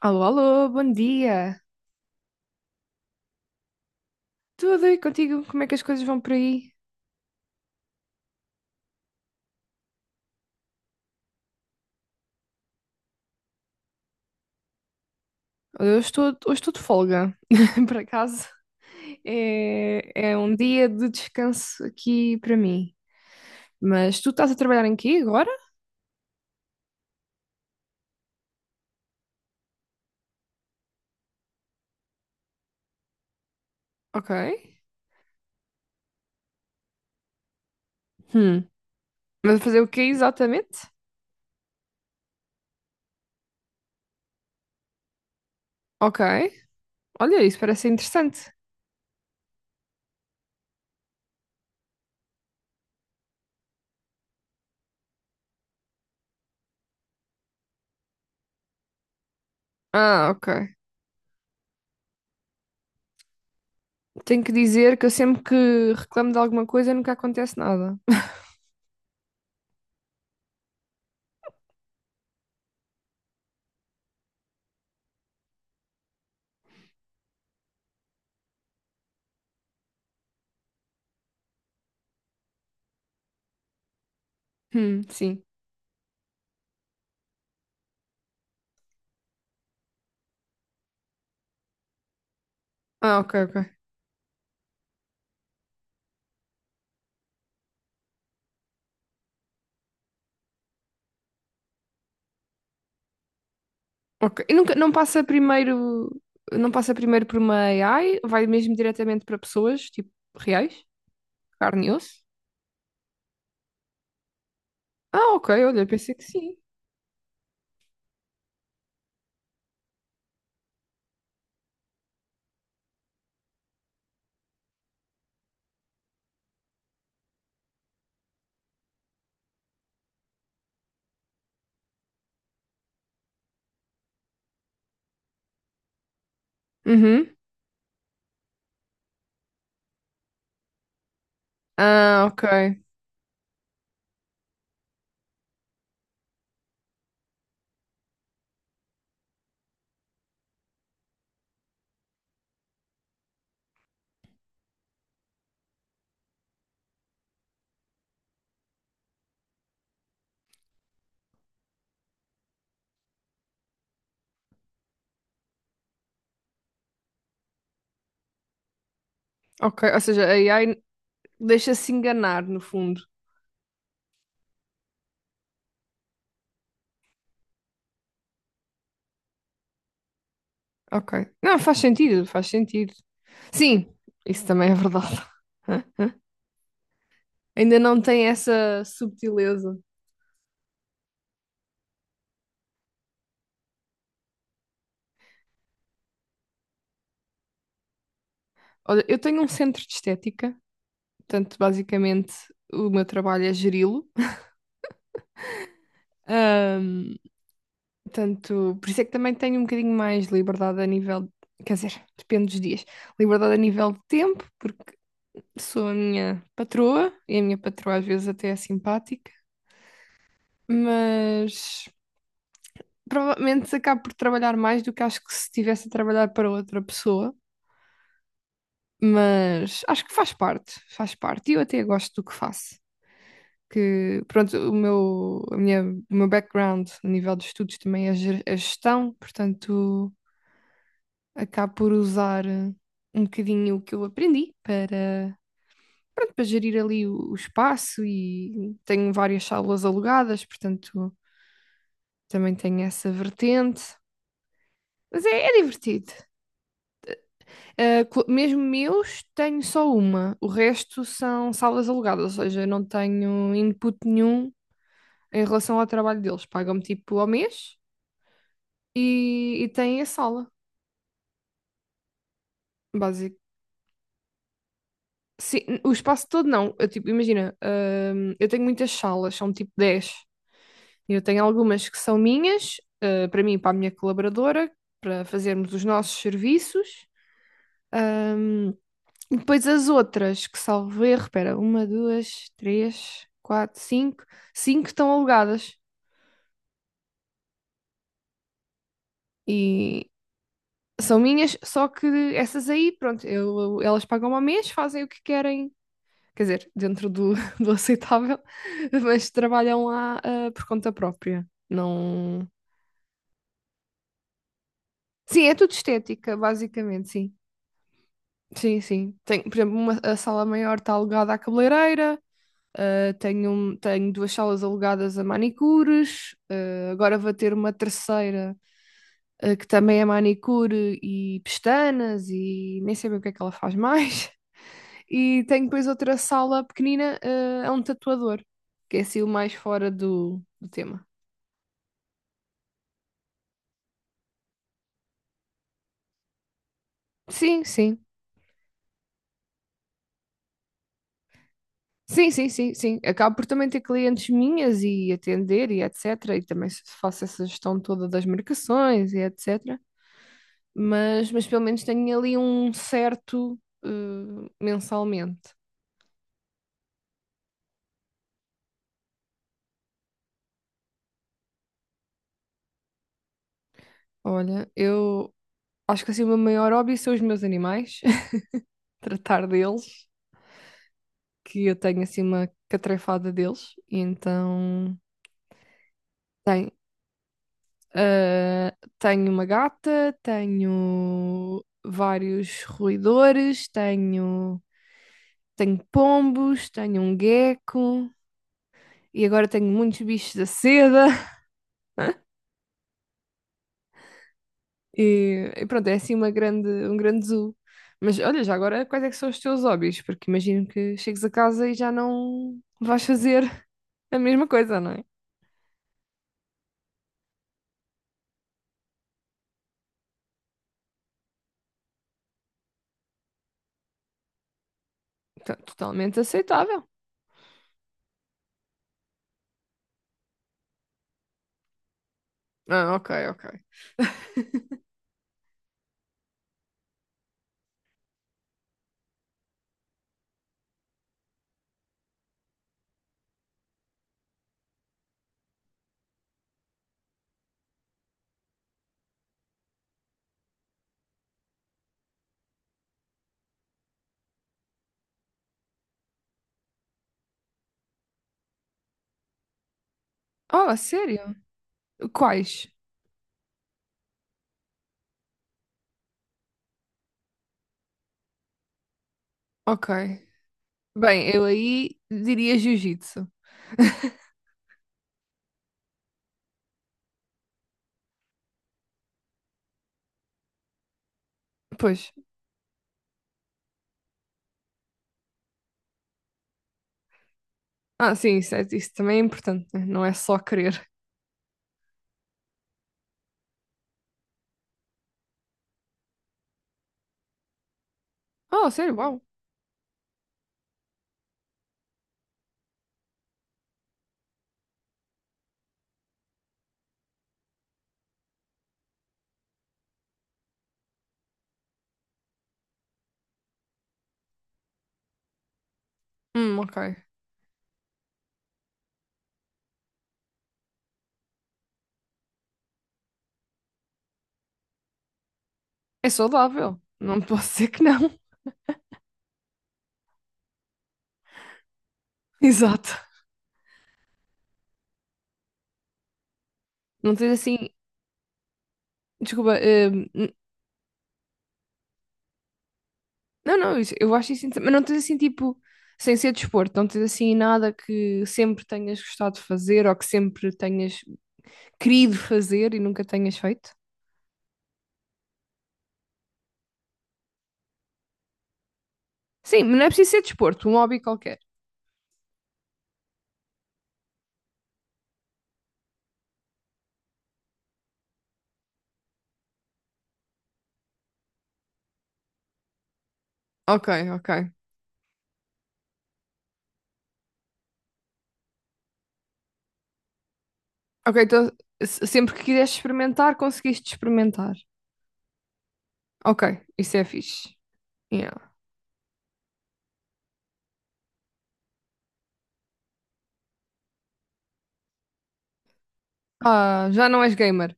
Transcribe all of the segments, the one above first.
Alô, alô, bom dia. Tudo e contigo? Como é que as coisas vão por aí? Hoje estou de folga, por acaso. É um dia de descanso aqui para mim. Mas tu estás a trabalhar em quê agora? Ok. Hum. Mas a fazer o quê exatamente? Ok. Olha, isso parece interessante. Ah, ok. Tenho que dizer que eu sempre que reclamo de alguma coisa nunca acontece nada. Sim. Ah, ok, ok. Ok. E nunca, não passa primeiro por uma AI, vai mesmo diretamente para pessoas, tipo, reais, carne e osso? Ah, ok, olha, pensei que sim. Uhum. Ah, ok. Ok, ou seja, a AI deixa-se enganar, no fundo. Ok. Não, faz sentido, faz sentido. Sim, isso também é verdade. Ainda não tem essa subtileza. Olha, eu tenho um centro de estética, portanto, basicamente o meu trabalho é geri-lo. Ahm, Portanto, por isso é que também tenho um bocadinho mais liberdade a nível, quer dizer, depende dos dias, liberdade a nível de tempo, porque sou a minha patroa e a minha patroa às vezes até é simpática, mas provavelmente acabo por trabalhar mais do que acho que se estivesse a trabalhar para outra pessoa. Mas acho que faz parte, faz parte. E eu até gosto do que faço. Que pronto, o meu background a nível de estudos também é gestão, portanto, acabo por usar um bocadinho o que eu aprendi para, pronto, para gerir ali o espaço e tenho várias salas alugadas, portanto, também tenho essa vertente. Mas é divertido. Mesmo meus, tenho só uma. O resto são salas alugadas, ou seja, eu não tenho input nenhum em relação ao trabalho deles. Pagam-me tipo ao mês e tem a sala, básico. Sim, o espaço todo não. Eu, tipo, imagina, eu tenho muitas salas, são tipo 10. Eu tenho algumas que são minhas, para mim, e para a minha colaboradora, para fazermos os nossos serviços. Hum, e depois as outras, que salvo erro, espera, uma, duas, três, quatro, cinco. Cinco estão alugadas e são minhas, só que essas aí, pronto, elas pagam ao mês, fazem o que querem, quer dizer, dentro do, do aceitável, mas trabalham lá por conta própria. Não. Sim, é tudo estética, basicamente, sim. Sim, sim. Tenho, por exemplo, a sala maior está alugada à cabeleireira, tenho duas salas alugadas a manicures, agora vou ter uma terceira, que também é manicure e pestanas e nem sei bem o que é que ela faz mais. E tenho depois outra sala pequenina, a um tatuador, que é assim o mais fora do, do tema. Sim, sim. Sim, sim, sim, sim. Acabo por também ter clientes minhas e atender e etc. E também faço essa gestão toda das marcações e etc. Mas pelo menos tenho ali um certo eh, mensalmente. Olha, eu acho que assim o meu maior hobby são os meus animais, tratar deles, que eu tenho assim uma catrefada deles. E então, tem, ah, tenho uma gata, tenho vários roedores, tenho pombos, tenho um gecko e agora tenho muitos bichos da seda e pronto, é assim um grande zoo. Mas olha, já agora quais é que são os teus hobbies? Porque imagino que chegues a casa e já não vais fazer a mesma coisa, não é? Então, totalmente aceitável. Ah, ok, ok. Oh, a sério? Quais? Ok. Bem, eu aí diria jiu-jitsu. Pois. Ah, sim, isso também é importante, né? Não é só querer. Ah, sério, uau. Ok. É saudável. Não posso dizer que não. Exato. Não tens assim. Desculpa. Não, não, eu acho isso. Mas não tens assim, tipo. Sem ser desporto, não tens assim nada que sempre tenhas gostado de fazer ou que sempre tenhas querido fazer e nunca tenhas feito? Sim, mas não é preciso ser desporto, um hobby qualquer. Ok, ok. Ok, então sempre que quiseste experimentar, conseguiste experimentar. Ok, isso é fixe. Yeah. Ah, já não és gamer.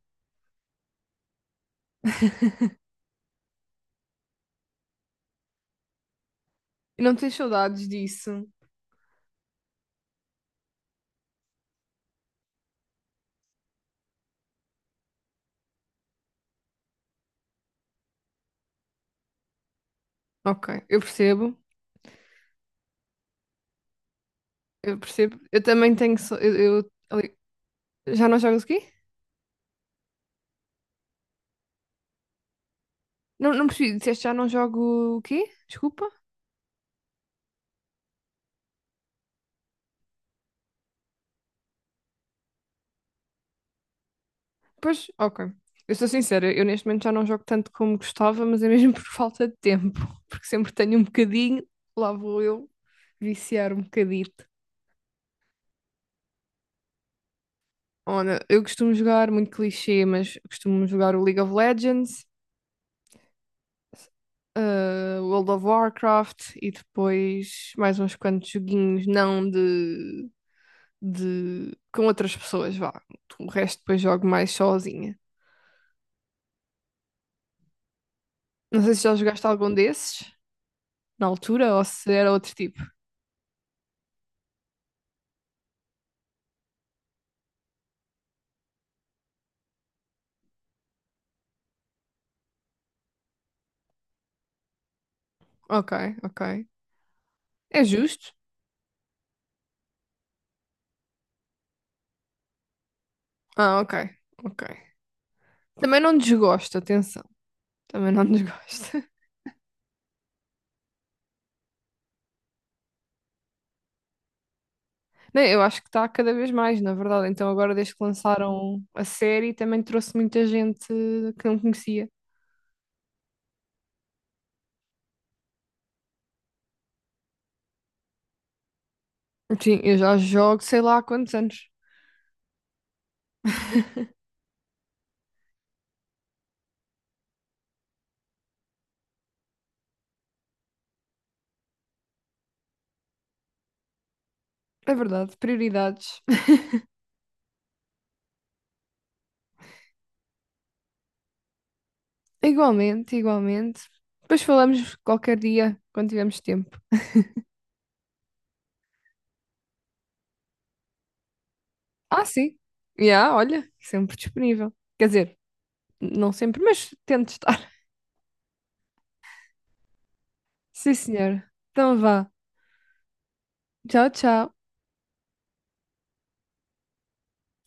Não tens saudades disso. Ok, eu percebo. Eu percebo. Eu também tenho. Eu- ali- Já não jogas o quê? Não, não percebi. Disseste já não jogo o quê? Desculpa. Pois, ok. Eu sou sincera, eu neste momento já não jogo tanto como gostava, mas é mesmo por falta de tempo. Porque sempre tenho um bocadinho, lá vou eu viciar um bocadito. Olha, eu costumo jogar, muito clichê, mas costumo jogar o League of Legends, World of Warcraft e depois mais uns quantos joguinhos, não de com outras pessoas, vá. O resto depois jogo mais sozinha. Não sei se já jogaste algum desses na altura ou se era outro tipo. Ok, ok. É justo? Ah, ok, ok. Também não desgosto, atenção. Também não desgosto. Nem, eu acho que está cada vez mais, na verdade. Então, agora, desde que lançaram a série, também trouxe muita gente que não conhecia. Sim, eu já jogo sei lá há quantos anos. É verdade, prioridades. Igualmente, igualmente. Depois falamos qualquer dia, quando tivermos tempo. Ah, sim. Já, olha, sempre disponível. Quer dizer, não sempre, mas tento estar. Sim, senhor. Então vá. Tchau, tchau.